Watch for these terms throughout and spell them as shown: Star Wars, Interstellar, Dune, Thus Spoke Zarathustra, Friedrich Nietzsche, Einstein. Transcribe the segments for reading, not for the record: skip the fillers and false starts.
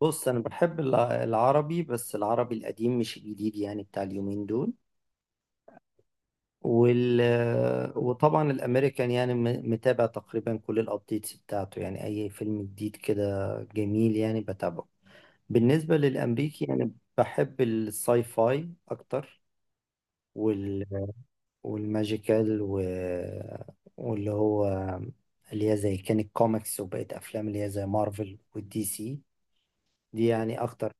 بص، انا بحب العربي، بس العربي القديم مش الجديد، يعني بتاع اليومين دول. وال وطبعا الامريكان، يعني متابع تقريبا كل الابديتس بتاعته، يعني اي فيلم جديد كده جميل يعني بتابعه. بالنسبه للامريكي يعني بحب الساي فاي اكتر، وال والماجيكال واللي هو اللي هي زي كانت كوميكس وبقت افلام، اللي هي زي مارفل والدي سي. دي يعني اكتر،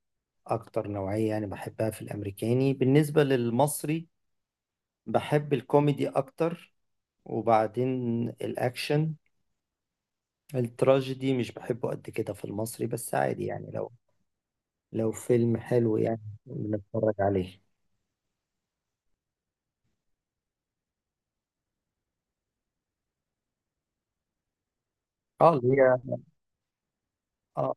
اكتر نوعية يعني بحبها في الامريكاني. بالنسبة للمصري بحب الكوميدي اكتر، وبعدين الاكشن. التراجيدي مش بحبه قد كده في المصري، بس عادي يعني لو فيلم حلو يعني بنتفرج عليه. اه. اللي هي اه،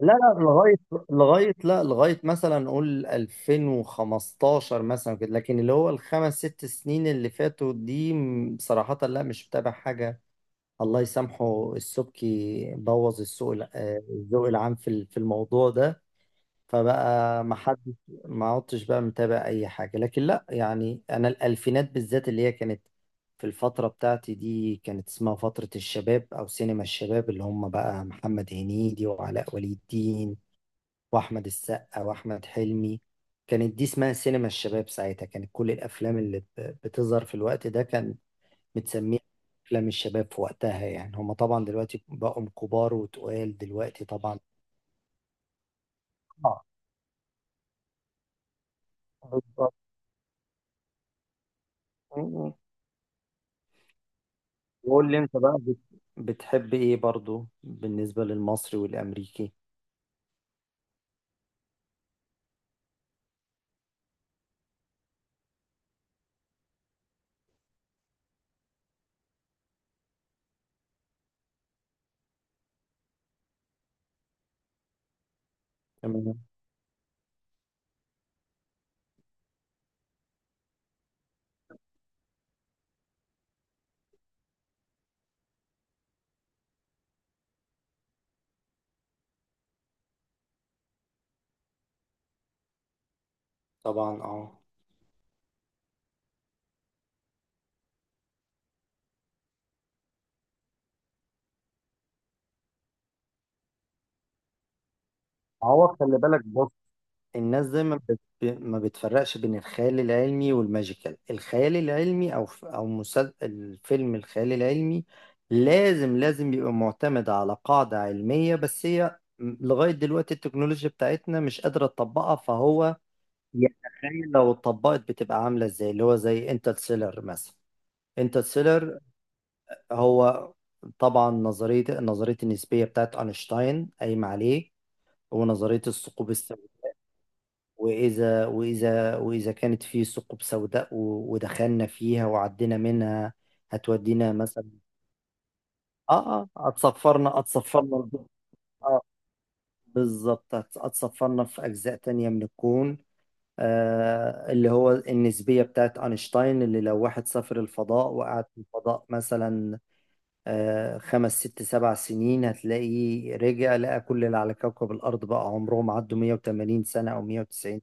لا، لا، لغاية مثلا نقول 2015 مثلا كده، لكن اللي هو الخمس ست سنين اللي فاتوا دي، صراحة لا، مش متابع حاجة. الله يسامحه السبكي، بوظ السوق الع- آه، الذوق العام في في الموضوع ده. فبقى ما حد ما عدتش بقى متابع اي حاجه. لكن لا، يعني انا الالفينات بالذات، اللي هي كانت في الفتره بتاعتي دي، كانت اسمها فتره الشباب او سينما الشباب، اللي هم بقى محمد هنيدي وعلاء ولي الدين واحمد السقا واحمد حلمي. كانت دي اسمها سينما الشباب. ساعتها كانت كل الافلام اللي بتظهر في الوقت ده كان بتسميه أفلام الشباب في وقتها، يعني هما طبعا دلوقتي بقوا كبار، وتقال دلوقتي طبعا. آه، بالظبط. م- م. وقول لي انت بقى بتحب إيه برضو بالنسبة للمصري والأمريكي؟ تمام. طبعا، اه. هو خلي بالك، بص، الناس دايما ما بتفرقش بين الخيال العلمي والماجيكال. الخيال العلمي او ف- او مسل... الفيلم الخيال العلمي لازم بيبقى معتمد على قاعدة علمية، بس هي لغاية دلوقتي التكنولوجيا بتاعتنا مش قادرة تطبقها، فهو يتخيل لو اتطبقت بتبقى عاملة ازاي، اللي هو زي انترستيلر مثلا. انترستيلر، هو طبعا نظرية النسبية بتاعت أينشتاين قايمة عليه، ونظرية الثقوب. وإذا كانت في ثقوب سوداء ودخلنا فيها وعدينا منها، هتودينا مثلا. آه آه، هتصفرنا هتصفرنا. آه بالظبط، هتصفرنا في أجزاء تانية من الكون. آه، اللي هو النسبية بتاعت أينشتاين، اللي لو واحد سافر الفضاء وقعد في الفضاء مثلا آه خمس ست سبع سنين، هتلاقيه رجع لقى كل اللي على كوكب الأرض بقى عمرهم عدوا 180 سنة أو 190.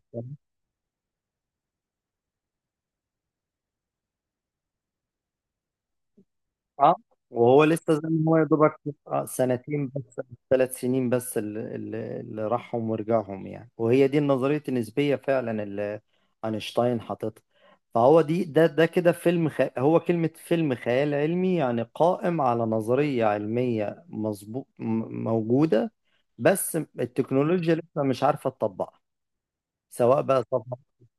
اه. وهو لسه زي ما هو يا دوبك. آه، سنتين بس، ثلاث سنين بس اللي راحهم ورجعهم يعني. وهي دي النظرية النسبية فعلا، اللي أينشتاين حاططها. فهو دي ده كده فيلم هو كلمة فيلم خيال علمي، يعني قائم على نظرية علمية مظبوط، موجودة، بس التكنولوجيا لسه مش عارفة تطبقها. سواء بقى سفر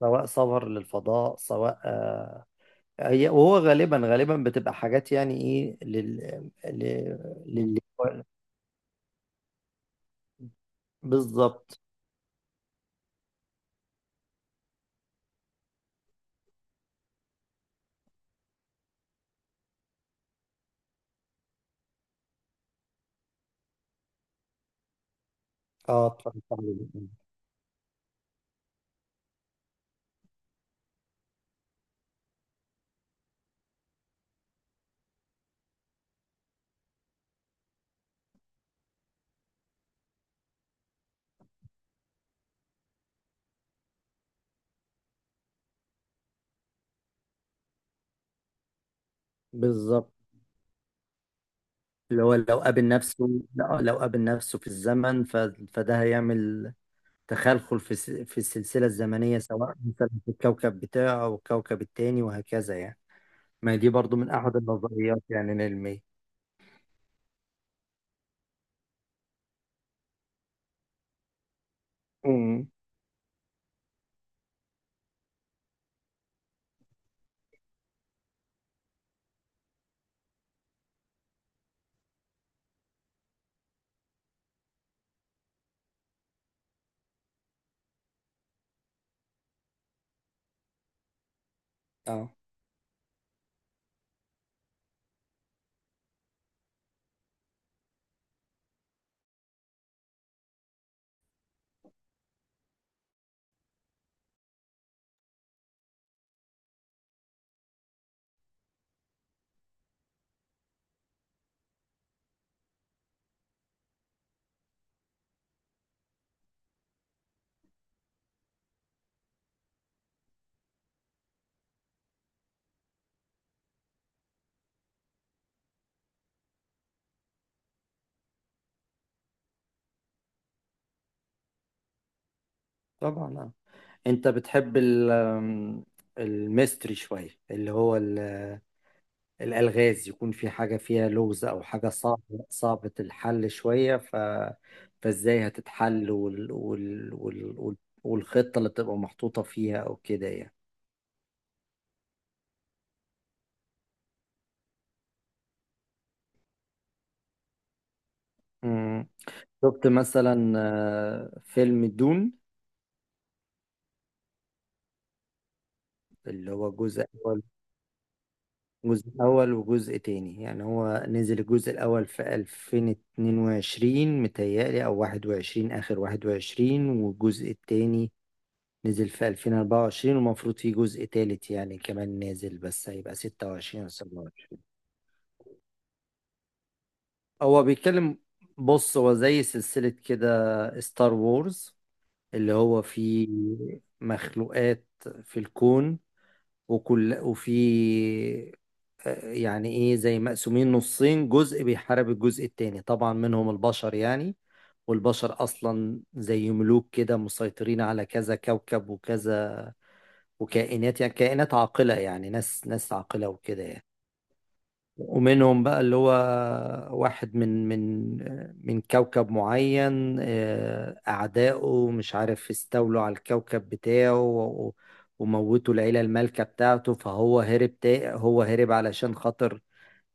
سواء سفر للفضاء، سواء هي وهو غالبا غالبا بتبقى حاجات يعني ايه لل لل لل بالظبط، اه. اتفرجت عليه. بالظبط، اللي هو لو قابل نفسه، لا، لو قابل نفسه في الزمن فده هيعمل تخلخل في في السلسلة الزمنية، سواء مثلا في الكوكب بتاعه او الكوكب التاني وهكذا يعني. ما هي دي برضو من احد النظريات يعني العلمية. امم اه، طبعا، اه. انت بتحب ال- آم، الميستري شوية، اللي هو الألغاز، يكون في حاجة فيها لغز، أو حاجة صعبة صعبة الحل شوية، فإزاي هتتحل والخطة اللي بتبقى محطوطة فيها أو كده يعني. مم. شفت مثلا فيلم دون؟ اللي هو جزء أول وجزء تاني، يعني هو نزل الجزء الأول في 2022 متهيألي، أو 21، آخر 21، والجزء التاني نزل في 2024، ومفروض في جزء تالت يعني كمان نازل، بس هيبقى 26 أو 27. هو بيتكلم بص هو زي سلسلة كده، ستار وورز، اللي هو فيه مخلوقات في الكون وكل وفي آه، يعني ايه، زي مقسومين نصين، جزء بيحارب الجزء التاني، طبعا منهم البشر يعني. والبشر اصلا زي ملوك كده، مسيطرين على كذا كوكب وكذا، وكائنات يعني كائنات عاقلة، يعني ناس ناس عاقلة وكده يعني. ومنهم بقى اللي هو واحد من كوكب معين، أعدائه مش عارف استولوا على الكوكب بتاعه وموتوا العيلة المالكة بتاعته، فهو هرب تا هو هرب علشان خاطر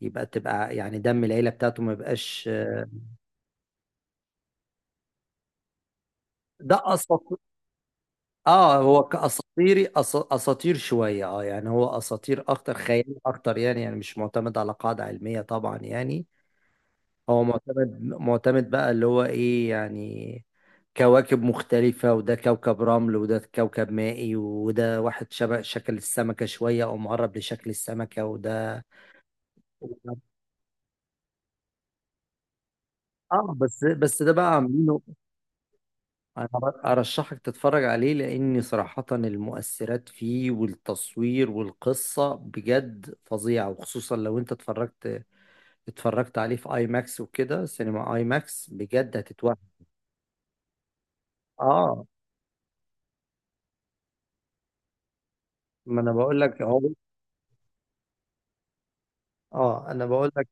تبقى يعني دم العيلة بتاعته ما يبقاش. ده أصلا اه، هو اساطير شويه، اه يعني هو اساطير اكتر، خيال اكتر يعني مش معتمد على قاعده علميه طبعا يعني. هو معتمد بقى اللي هو ايه يعني، كواكب مختلفه، وده كوكب رمل، وده كوكب مائي، وده واحد شبه شكل السمكه شويه او مقرب لشكل السمكه، وده اه. بس ده بقى عاملينه. انا ارشحك تتفرج عليه، لان صراحة المؤثرات فيه والتصوير والقصة بجد فظيعة، وخصوصا لو انت اتفرجت عليه في اي ماكس وكده، سينما اي ماكس بجد هتتوهم. اه، ما انا بقول لك اهو. اه، انا بقول لك،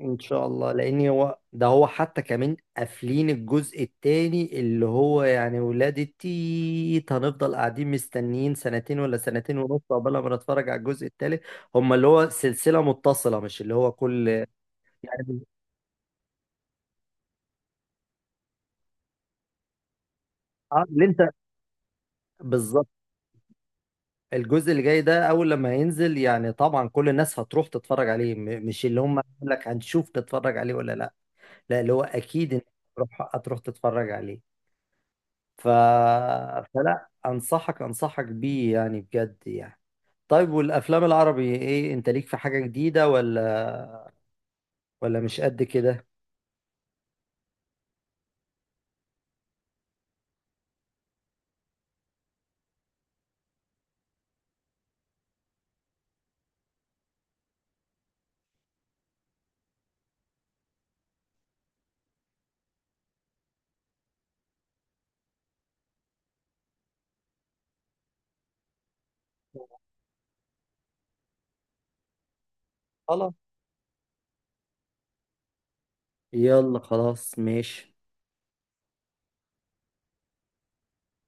ان شاء الله، لان هو حتى كمان قافلين الجزء التاني، اللي هو يعني ولاد التيت. هنفضل قاعدين مستنيين سنتين ولا سنتين ونص قبل ما نتفرج على الجزء التالت. هما اللي هو سلسلة متصلة، مش اللي هو كل يعني. آه، اللي انت بالظبط. الجزء اللي جاي ده اول لما ينزل، يعني طبعا كل الناس هتروح تتفرج عليه، مش اللي هم يقول لك نتفرج عليه ولا لا. لا، اللي هو اكيد انت هتروح تتفرج عليه. ف... فلا، انصحك بيه يعني بجد يعني. طيب، والافلام العربي ايه؟ انت ليك في حاجة جديدة، ولا مش قد كده؟ خلاص، يلا خلاص ماشي.